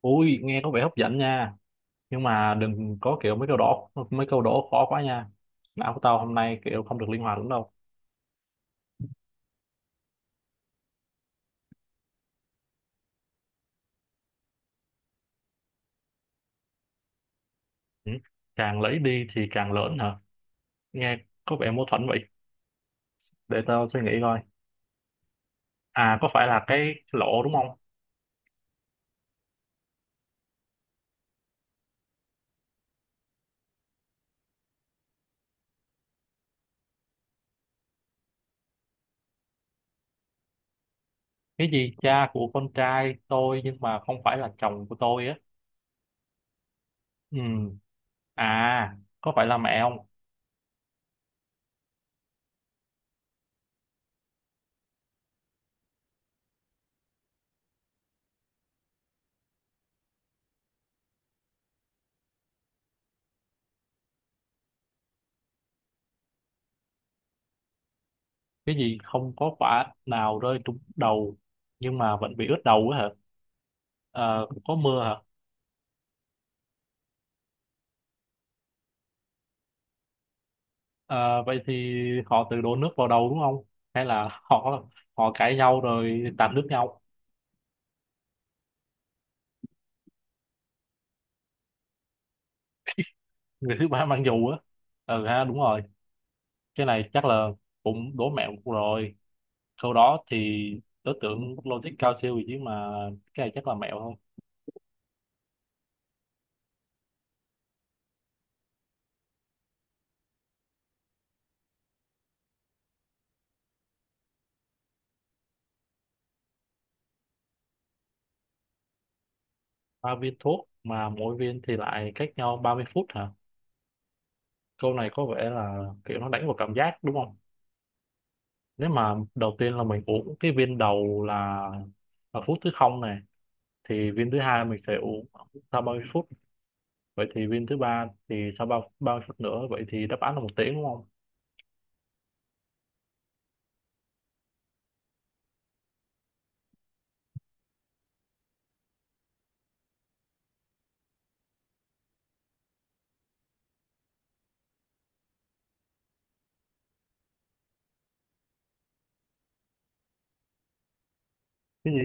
Ui, nghe có vẻ hấp dẫn nha. Nhưng mà đừng có kiểu mấy câu đố khó quá nha. Não của tao hôm nay kiểu không được linh hoạt lắm đâu. Ừ. Càng lấy đi thì càng lớn hả? Nghe có vẻ mâu thuẫn vậy. Để tao suy nghĩ coi. À, có phải là cái lỗ đúng không? Cái gì cha của con trai tôi nhưng mà không phải là chồng của tôi á. Ừ. À, có phải là mẹ không? Cái gì không có quả nào rơi trúng đầu nhưng mà vẫn bị ướt đầu á hả? Ờ, có mưa hả? Ờ, vậy thì họ tự đổ nước vào đầu đúng không? Hay là họ họ cãi nhau rồi tạt nước nhau, người thứ ba mang dù á. Ừ ha, đúng rồi. Cái này chắc là cũng đố mẹo rồi. Sau đó thì đối tượng logic cao siêu gì chứ mà cái này chắc là mẹo không? Ba viên thuốc mà mỗi viên thì lại cách nhau 30 phút hả? Câu này có vẻ là kiểu nó đánh vào cảm giác đúng không? Nếu mà đầu tiên là mình uống cái viên đầu là phút thứ không này, thì viên thứ hai mình sẽ uống sau 30 phút, vậy thì viên thứ ba thì sau bao bao phút nữa? Vậy thì đáp án là 1 tiếng đúng không? Cái gì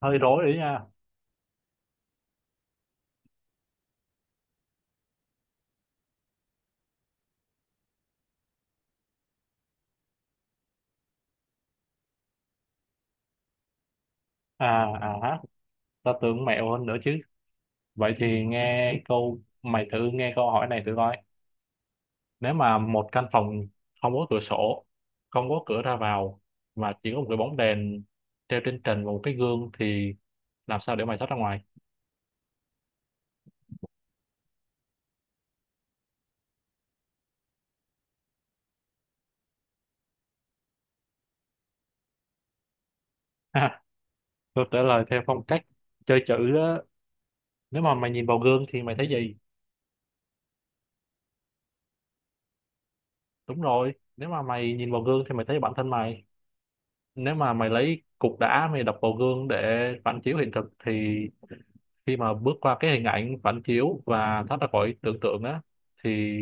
hơi rối đấy nha. À à ha ta tưởng mẹo hơn nữa chứ. Vậy thì nghe câu hỏi này thử coi: nếu mà một căn phòng không có cửa sổ, không có cửa ra vào, mà chỉ có một cái bóng đèn treo trên trần và một cái gương, thì làm sao để mày thoát ra ngoài? Ha, câu trả lời theo phong cách chơi chữ đó. Nếu mà mày nhìn vào gương thì mày thấy gì? Đúng rồi, nếu mà mày nhìn vào gương thì mày thấy bản thân mày. Nếu mà mày lấy cục đá mày đập vào gương để phản chiếu hiện thực, thì khi mà bước qua cái hình ảnh phản chiếu và thoát ra khỏi tưởng tượng á, thì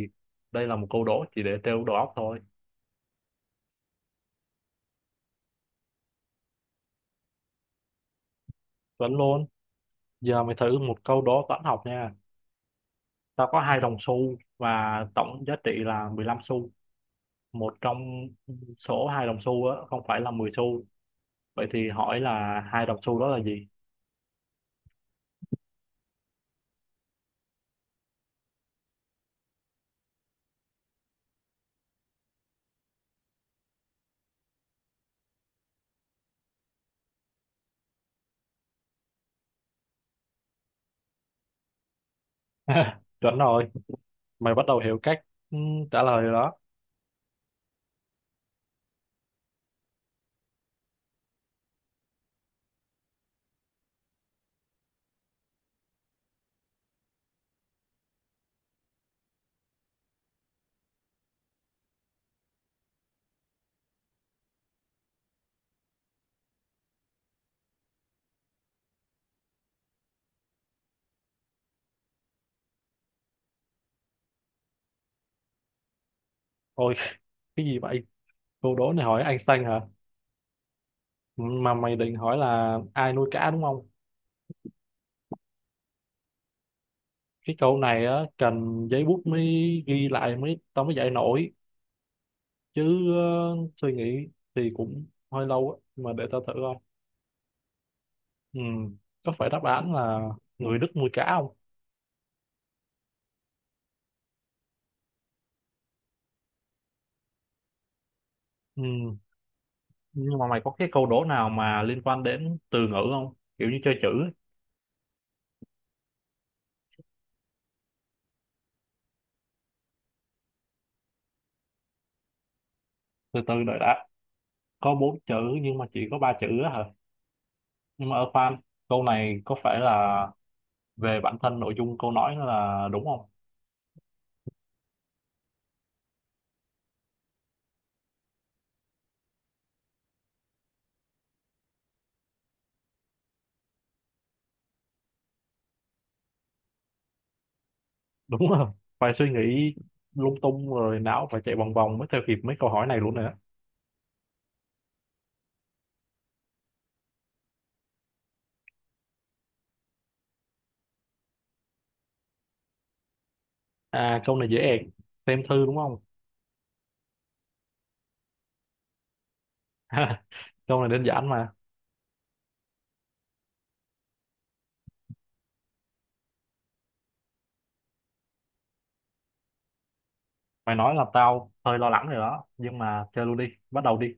đây là một câu đố chỉ để trêu đầu óc thôi. Vẫn luôn. Giờ mày thử một câu đố toán học nha. Tao có hai đồng xu và tổng giá trị là 15 xu. Một trong số hai đồng xu á không phải là 10 xu, vậy thì hỏi là hai đồng xu đó là gì? Chuẩn rồi, mày bắt đầu hiểu cách ừ, trả lời rồi đó. Ôi, cái gì vậy? Câu đố này hỏi Einstein hả? Mà mày định hỏi là ai nuôi cá đúng không? Cái câu này á cần giấy bút mới ghi lại tao mới dạy nổi chứ. Ờ, Suy nghĩ thì cũng hơi lâu á, mà để tao thử coi. ừ. Có phải đáp án là người Đức nuôi cá không? Ừ. Nhưng mà mày có cái câu đố nào mà liên quan đến từ ngữ không, kiểu như chơi chữ ấy. Từ từ đợi đã, có bốn chữ nhưng mà chỉ có ba chữ á hả? Nhưng mà khoan, câu này có phải là về bản thân nội dung câu nói là đúng không? Đúng rồi, phải suy nghĩ lung tung rồi não phải chạy vòng vòng mới theo kịp mấy câu hỏi này luôn nữa. À, câu này dễ ẹc, xem thư đúng không? Câu này đơn giản mà. Mày nói là tao hơi lo lắng rồi đó, nhưng mà chơi luôn đi, bắt đầu đi.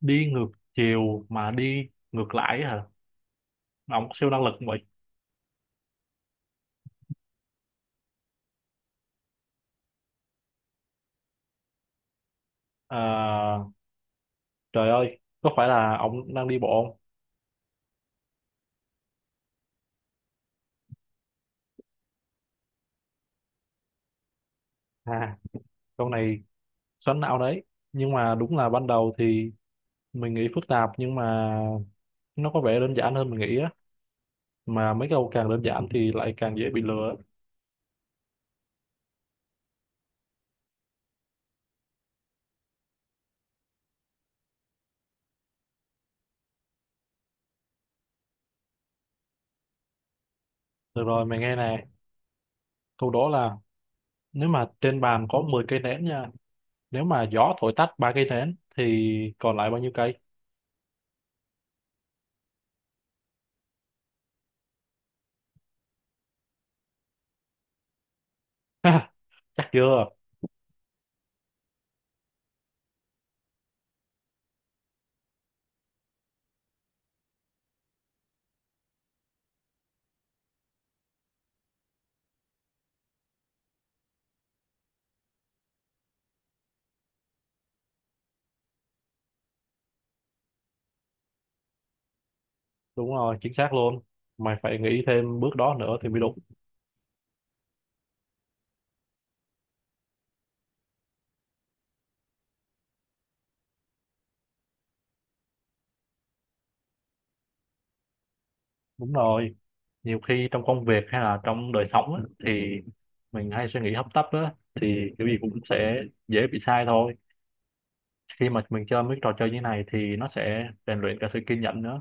Đi ngược chiều mà đi ngược lại hả? Mà ông có siêu năng lực không vậy? À, trời ơi, có phải là ông đang đi bộ không? À, câu này xoắn não đấy, nhưng mà đúng là ban đầu thì mình nghĩ phức tạp, nhưng mà nó có vẻ đơn giản hơn mình nghĩ á. Mà mấy câu càng đơn giản thì lại càng dễ bị lừa. Được rồi, mày nghe nè, câu đó là nếu mà trên bàn có 10 cây nến nha, nếu mà gió thổi tắt ba cây nến thì còn lại bao nhiêu cây? Ha, chắc chưa? Đúng rồi, chính xác luôn, mày phải nghĩ thêm bước đó nữa thì mới đúng. Đúng rồi, nhiều khi trong công việc hay là trong đời sống á, thì mình hay suy nghĩ hấp tấp á, thì cái gì cũng sẽ dễ bị sai thôi. Khi mà mình chơi mấy trò chơi như này thì nó sẽ rèn luyện cả sự kiên nhẫn nữa.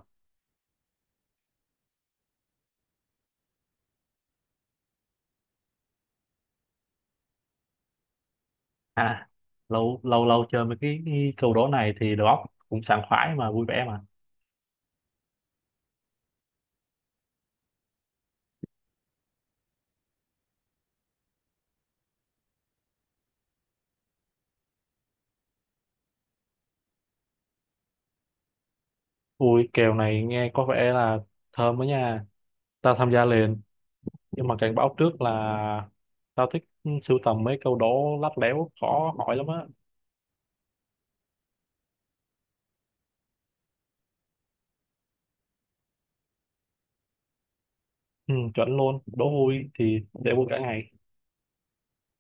À, lâu lâu lâu chơi mấy cái câu đố này thì đầu óc cũng sảng khoái mà vui vẻ mà. Ui, kèo này nghe có vẻ là thơm đó nha. Tao tham gia liền, nhưng mà cảnh báo trước là tao thích sưu tầm mấy câu đố lắt léo khó hỏi lắm á. Ừ, chuẩn luôn, đố vui thì sẽ vui cả ngày.